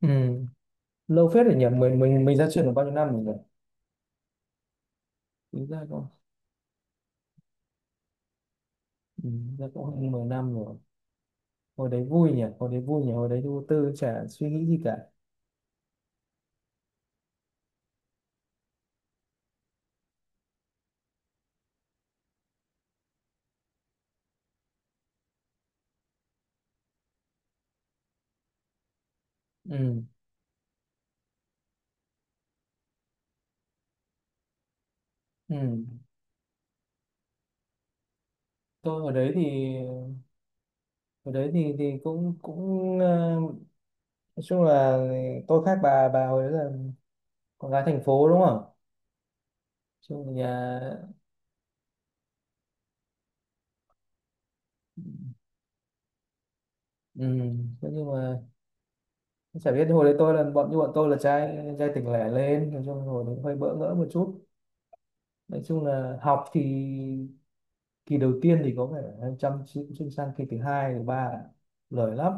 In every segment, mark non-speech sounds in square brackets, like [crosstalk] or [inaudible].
Ừ. Lâu phết rồi nhỉ, mình ra trường được bao nhiêu năm rồi nhỉ? Tính ra cũng, ừ, ra cũng hơn 10 năm rồi. Hồi đấy vui nhỉ, hồi đấy vui nhỉ, hồi đấy vô tư chả suy nghĩ gì cả. Ừ. Ừ. Tôi hồi đấy thì, hồi đấy thì cũng cũng nói chung là tôi khác bà hồi đấy là con gái thành phố đúng không ạ? Chung là nhà. Ừ. Thế nhưng mà chả biết hồi đấy tôi là bọn, như bọn tôi là trai trai tỉnh lẻ lên, nói chung hồi đấy hơi bỡ ngỡ một chút. Nói chung là học thì kỳ đầu tiên thì có vẻ em chăm chỉ, cũng sang kỳ thứ hai thứ ba là lười lắm.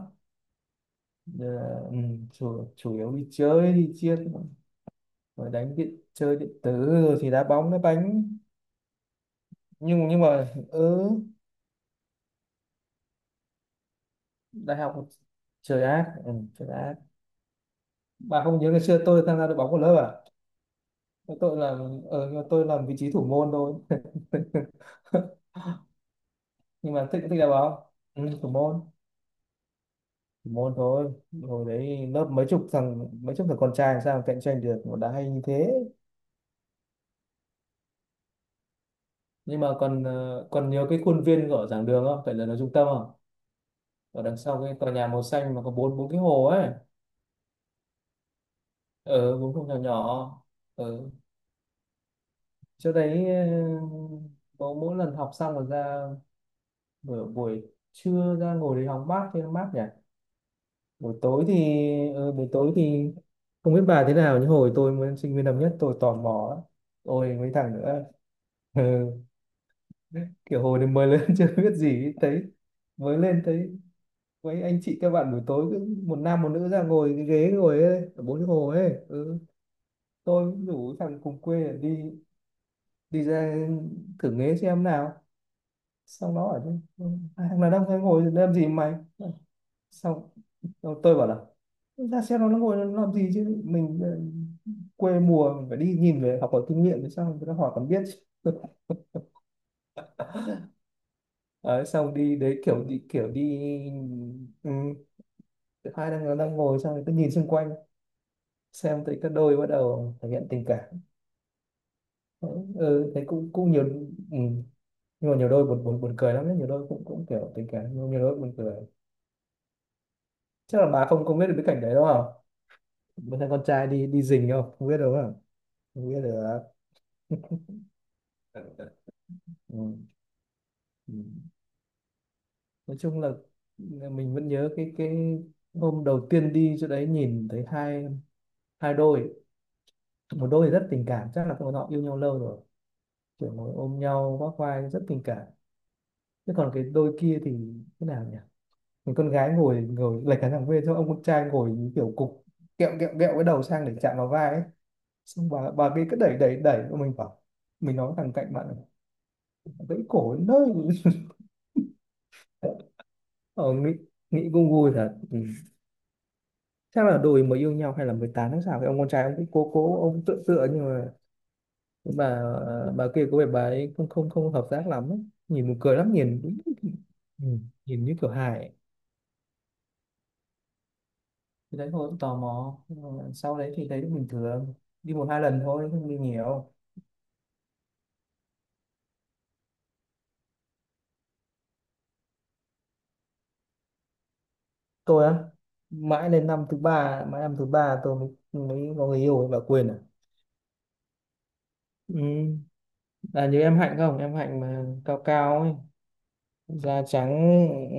Ờ, ừ, chủ yếu đi chơi đi chiên rồi đánh điện chơi điện tử rồi thì đá bóng đá bánh. Nhưng mà, đại học. Trời ác. Ừ, Trời ác. Bà không nhớ ngày xưa tôi tham gia đội bóng của lớp à? Tôi làm, nhưng mà tôi làm vị trí thủ môn thôi. [laughs] Nhưng mà thích thích đá bóng. Ừ, thủ môn. Thủ môn thôi. Hồi đấy lớp mấy chục thằng, mấy chục thằng con trai làm sao mà cạnh tranh được mà đá hay như thế. Nhưng mà còn, còn nhớ cái khuôn viên của giảng đường không, phải là nó trung tâm không, ở đằng sau cái tòa nhà màu xanh mà có bốn bốn cái hồ ấy? Ở bốn hồ nhỏ nhỏ. Ở chỗ đấy, bố mỗi lần học xong rồi ra buổi trưa ra ngồi đấy hóng mát cho nó mát nhỉ. Buổi tối thì, ờ, buổi tối thì không biết bà thế nào nhưng hồi tôi mới sinh viên năm nhất tôi tò mò lắm. Ôi, mấy thằng nữa. [laughs] Ừ. Kiểu hồi đấy mới lên [laughs] chưa biết gì, thấy mới lên thấy mấy anh chị các bạn buổi tối cứ một nam một nữ ra ngồi cái ghế ngồi ấy, ở bốn cái hồ ấy. Ừ. Tôi cũng rủ thằng cùng quê đi, ra thử nghế xem nào. Xong nó ở chứ: "Ừ, hai thằng đàn ông ấy ngồi làm gì mày?". Xong tôi bảo là ra xem nó, ngồi nó làm gì chứ, mình, quê mùa mình phải đi nhìn về học hỏi kinh nghiệm để sao người ta hỏi còn biết chứ. [laughs] Đấy, xong đi đấy, kiểu đi, kiểu đi. ừ, Hai đang đang ngồi xong người ta nhìn xung quanh, xem thấy các đôi bắt đầu thể hiện tình cảm. Ừ, thấy cũng cũng nhiều. Ừ. Nhưng mà nhiều đôi buồn buồn buồn cười lắm đấy, nhiều đôi cũng cũng kiểu tình cảm nhưng mà nhiều đôi buồn cười. Chắc là bà không không biết được cái cảnh đấy đúng không? Bạn thấy con trai đi đi rình không không biết đâu không? Không biết được. Ừ. Ừ. Nói chung là mình vẫn nhớ cái, hôm đầu tiên đi chỗ đấy nhìn thấy hai, đôi. Một đôi thì rất tình cảm, chắc là bọn họ yêu nhau lâu rồi, kiểu ngồi ôm nhau vác vai rất tình cảm. Thế còn cái đôi kia thì thế nào nhỉ, mình con gái ngồi, lệch cả thằng bên cho ông con trai ngồi kiểu cục kẹo kẹo kẹo cái đầu sang để chạm vào vai ấy. Xong bà kia cứ đẩy đẩy đẩy. Xong mình nói thằng cạnh bạn là, gãy cổ đến nơi. [laughs] Ờ, Nghĩ, cũng vui thật. Ừ. Chắc là đôi mới yêu nhau hay là mới tán tháng sau, cái ông con trai ông cũng cố, ông tựa tựa nhưng mà cái bà, bà kia có vẻ bà ấy không không không hợp tác lắm ấy. Nhìn buồn cười lắm, nhìn đúng. Ừ. Nhìn như kiểu hài ấy. Thì đấy thôi cũng tò mò. Nhưng mà sau đấy thì thấy cũng bình thường, đi một hai lần thôi không đi nhiều. Tôi á, mãi đến năm thứ ba, tôi mới, có người yêu, bà Quyền à. Ừ. Là như em Hạnh không, em Hạnh mà cao cao ấy, da trắng. Ừ,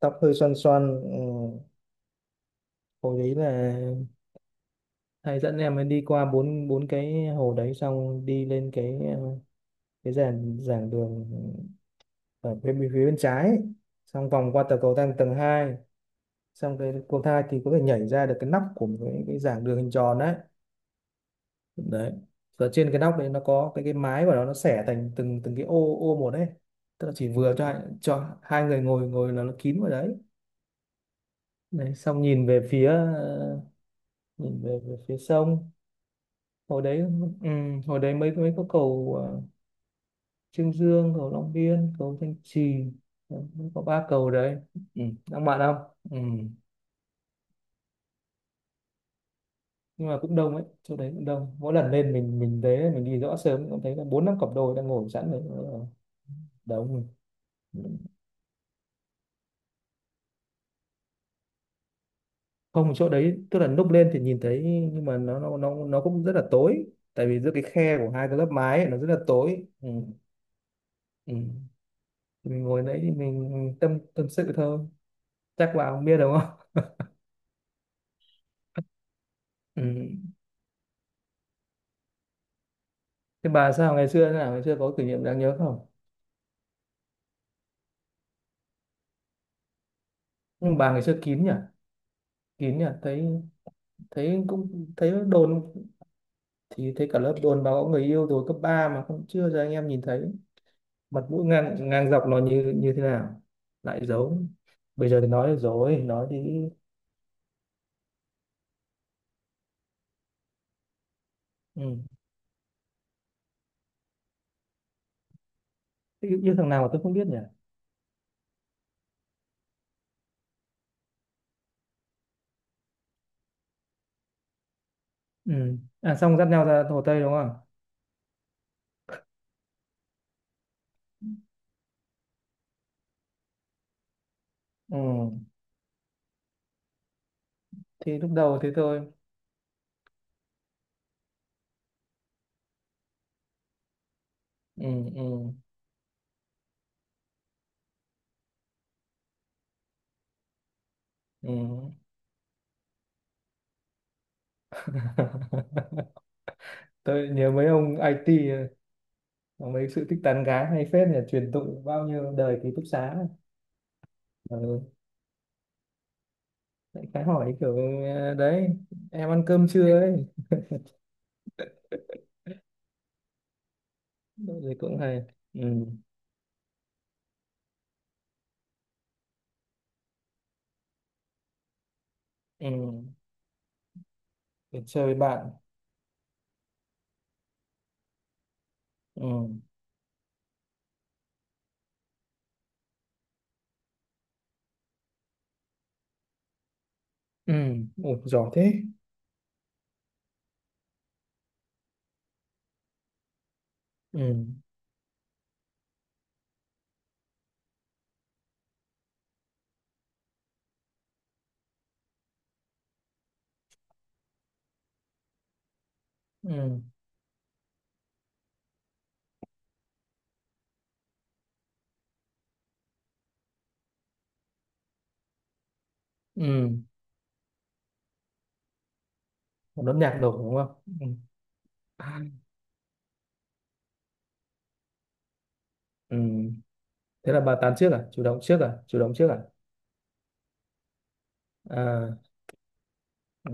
tóc hơi xoăn xoăn. Ừ. Hồi đấy là thầy dẫn em ấy đi qua bốn bốn cái hồ đấy, xong đi lên cái, cái giảng giảng đường ở bên bên phía bên trái ấy. Xong vòng qua tờ cầu thang tầng 2, xong cái cầu thang thì có thể nhảy ra được cái nóc của cái giảng đường hình tròn đấy. Đấy, và trên cái nóc đấy nó có cái mái của nó xẻ thành từng từng cái ô ô một đấy. Tức là chỉ vừa cho cho hai người ngồi ngồi là nó kín vào đấy. Đấy, xong nhìn về phía, về phía sông. Hồi đấy, ừ, mấy mấy có cầu, Trương Dương, cầu Long Biên, cầu Thanh Trì. Đấy, có ba cầu đấy. Lãng mạn không. Ừ. Nhưng mà cũng đông ấy, chỗ đấy cũng đông, mỗi lần lên mình thấy mình đi rõ sớm cũng thấy là bốn năm cặp đôi đang ngồi sẵn đấy. Ờ, Đông. Không, chỗ đấy tức là núp lên thì nhìn thấy, nhưng mà nó cũng rất là tối, tại vì giữa cái khe của hai cái lớp mái ấy, nó rất là tối. Ừ. Ừ. Thì mình ngồi đấy thì mình tâm tâm sự thôi. Chắc bà không biết đúng không. Ừ. Thế bà sao ngày xưa thế nào, ngày xưa có kỷ niệm đáng nhớ không? Nhưng bà ngày xưa kín nhỉ, kín nhỉ, thấy, cũng thấy đồn, thì thấy cả lớp đồn bà có người yêu rồi cấp 3 mà không, chưa cho anh em nhìn thấy mặt mũi ngang ngang dọc nó như như thế nào. Lại giấu. Bây giờ thì nói được rồi, nói đi. Ừ. Yêu thằng nào mà tôi không biết nhỉ. Ừ. À, xong dắt nhau ra Hồ Tây đúng không. Ừ. Thì lúc đầu thì tôi. Ừ. Ừ. Ừ. [laughs] Tôi nhớ mấy ông IT có mấy sự thích tán gái hay phết nhỉ, truyền tụng bao nhiêu đời ký túc xá. Ừ. Lại cái hỏi kiểu: "Ờ, đấy, em ăn cơm chưa ấy". Rồi cũng hay. Ừ. Ừ. Để chơi với bạn. Ừ. Ừ. Ủa, giỏi thế. Ừ. Ừ. Ừ. Một nốt nhạc đổ đúng không. Ừ. Ừ. Thế là bà tán trước à, chủ động trước à, à ừ.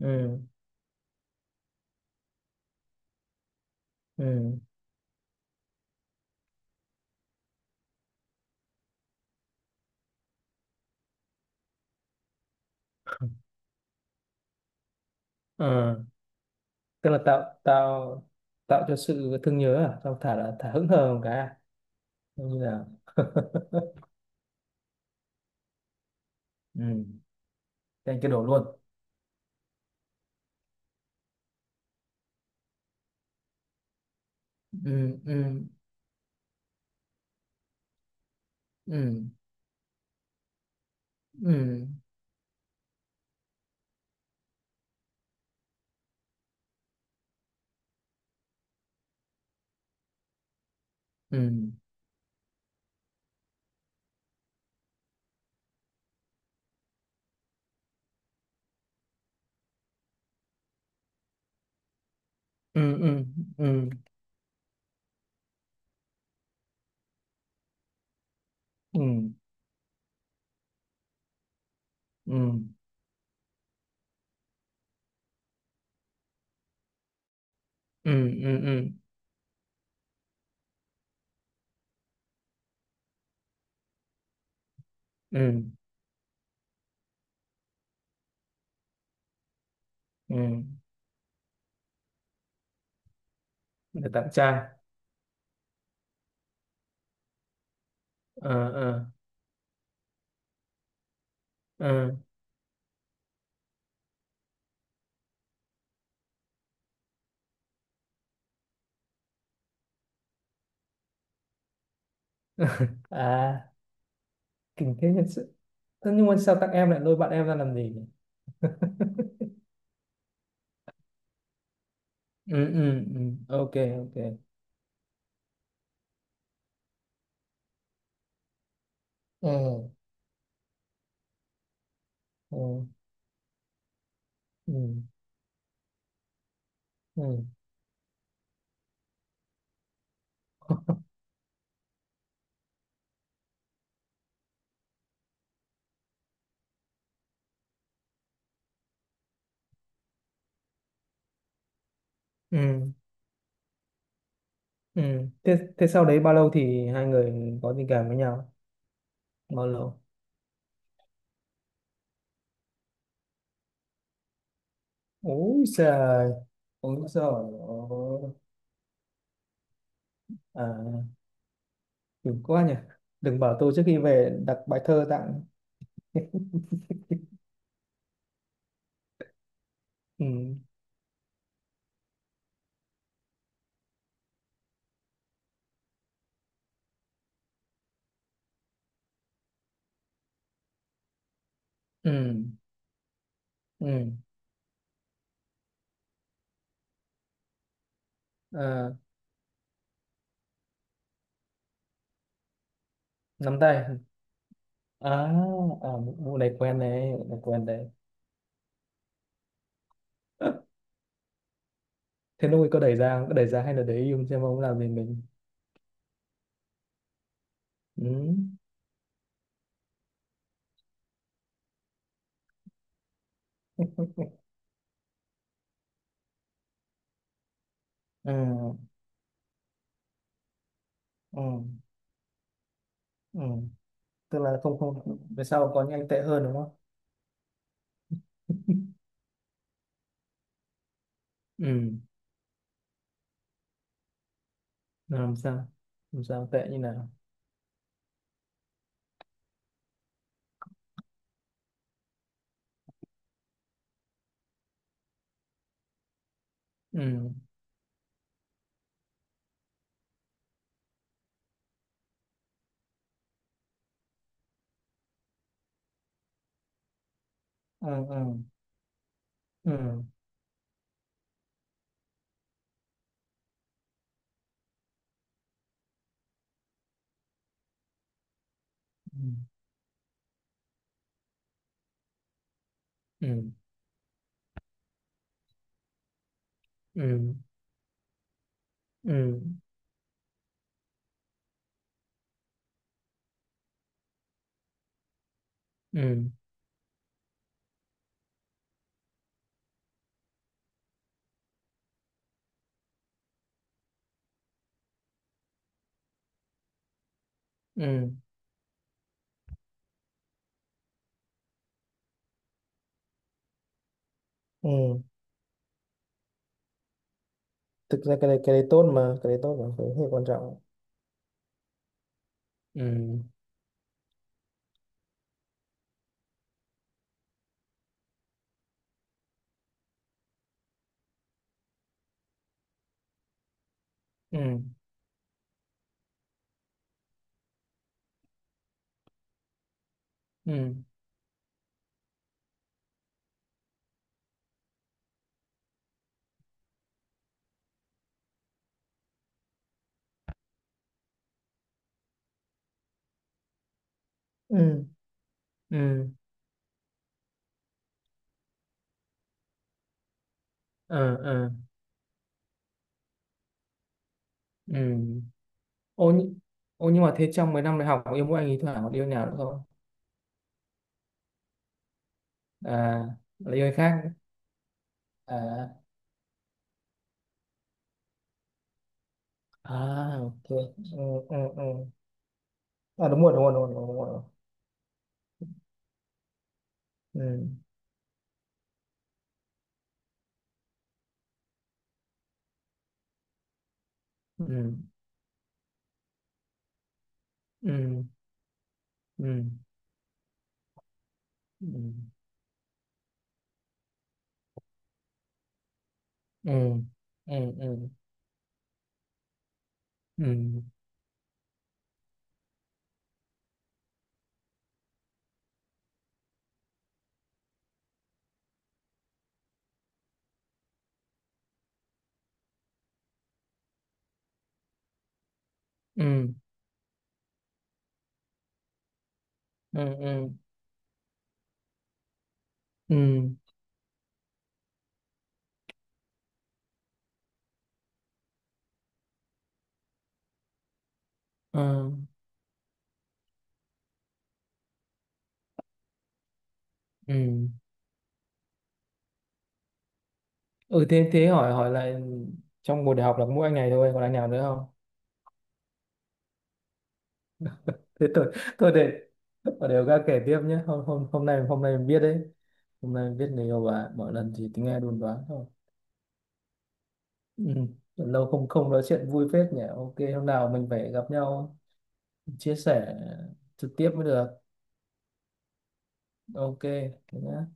Ừ. Ừ. Ờ. Tức là tạo tạo tạo cho sự thương nhớ à, xong thả là thả hững hờ một cái à? Giống như là, ừ, thế anh cứ đổ luôn. Ừ. Ừ. Ừ. Ừ. Ừ. Ừ. Ừ. Ừ. Ừ. Ừ. Ừ. Ừ. Ừ. Ừ. Ừ. Ừ. Để tặng trai. Ờ. Ờ. Ờ. [laughs] À, kinh thế thật sự. Thế nhưng mà sao tặng em lại lôi bạn em ra làm gì nhỉ? Ừ. Ừ. Ừ. Ok. Ok. Ừ. Ừ. Ừ. Ừ. Ừ. Ừ. thế Thế sau đấy bao lâu thì hai người có tình cảm với nhau, bao lâu? Ôi trời. Ôi giời. Ôi. À, đừng quá nhỉ. Đừng bảo tôi trước khi về đặt bài thơ tặng. [laughs] Ừ. Ừ. Ừ. À, nắm tay. À, à, vụ này quen đấy, vụ này quen đấy. [laughs] Thế lúc ấy có đẩy ra, có đẩy ra hay là để im xem ông làm gì mình? Ừ. [laughs] Ừ. Ừ, ừ. Tức là không, không về sau có những anh tệ hơn đúng không. [laughs] Ừ. Là làm sao, làm sao tệ như nào? Ừ. Ừ. Ừ. Ừ. Ừ. Ừ. Ừ. Ừ. Ừ. Ừ. Ừ. Thực ra cái đấy tốt mà, cái đấy tốt mà, cái đấy hơi quan trọng. Ừ. Ừ. Ừ. Ừ. Ừ. Ờ. Ờ. Ừ. ô nhưng Ô nhưng mà thế trong mấy năm đại học yêu mỗi anh ý, thoảng có yêu nào nữa không? À, là yêu anh khác à. à ok. Ừ, ừ, ừ. À, đúng rồi, đúng rồi, đúng rồi, đúng rồi, đúng rồi. Ừ, ừ, ừ, ừ, ừ, ừ, ừ, ừ, ừ, ừ, ừ, ừ, ừ, ờ, ừ. Ừ, thế thế hỏi hỏi lại, trong một đại học là có mỗi anh này thôi còn anh nào nữa không? [laughs] Thế tôi, để ở đều ra kể tiếp nhé. Hôm hôm hôm nay mình biết đấy, hôm nay mình biết người yêu bà mỗi lần thì tính nghe đồn đoán. Ừ. Lâu không không nói chuyện vui phết nhỉ. Ok, hôm nào mình phải gặp nhau chia sẻ trực tiếp mới được. Ok, thế nhá.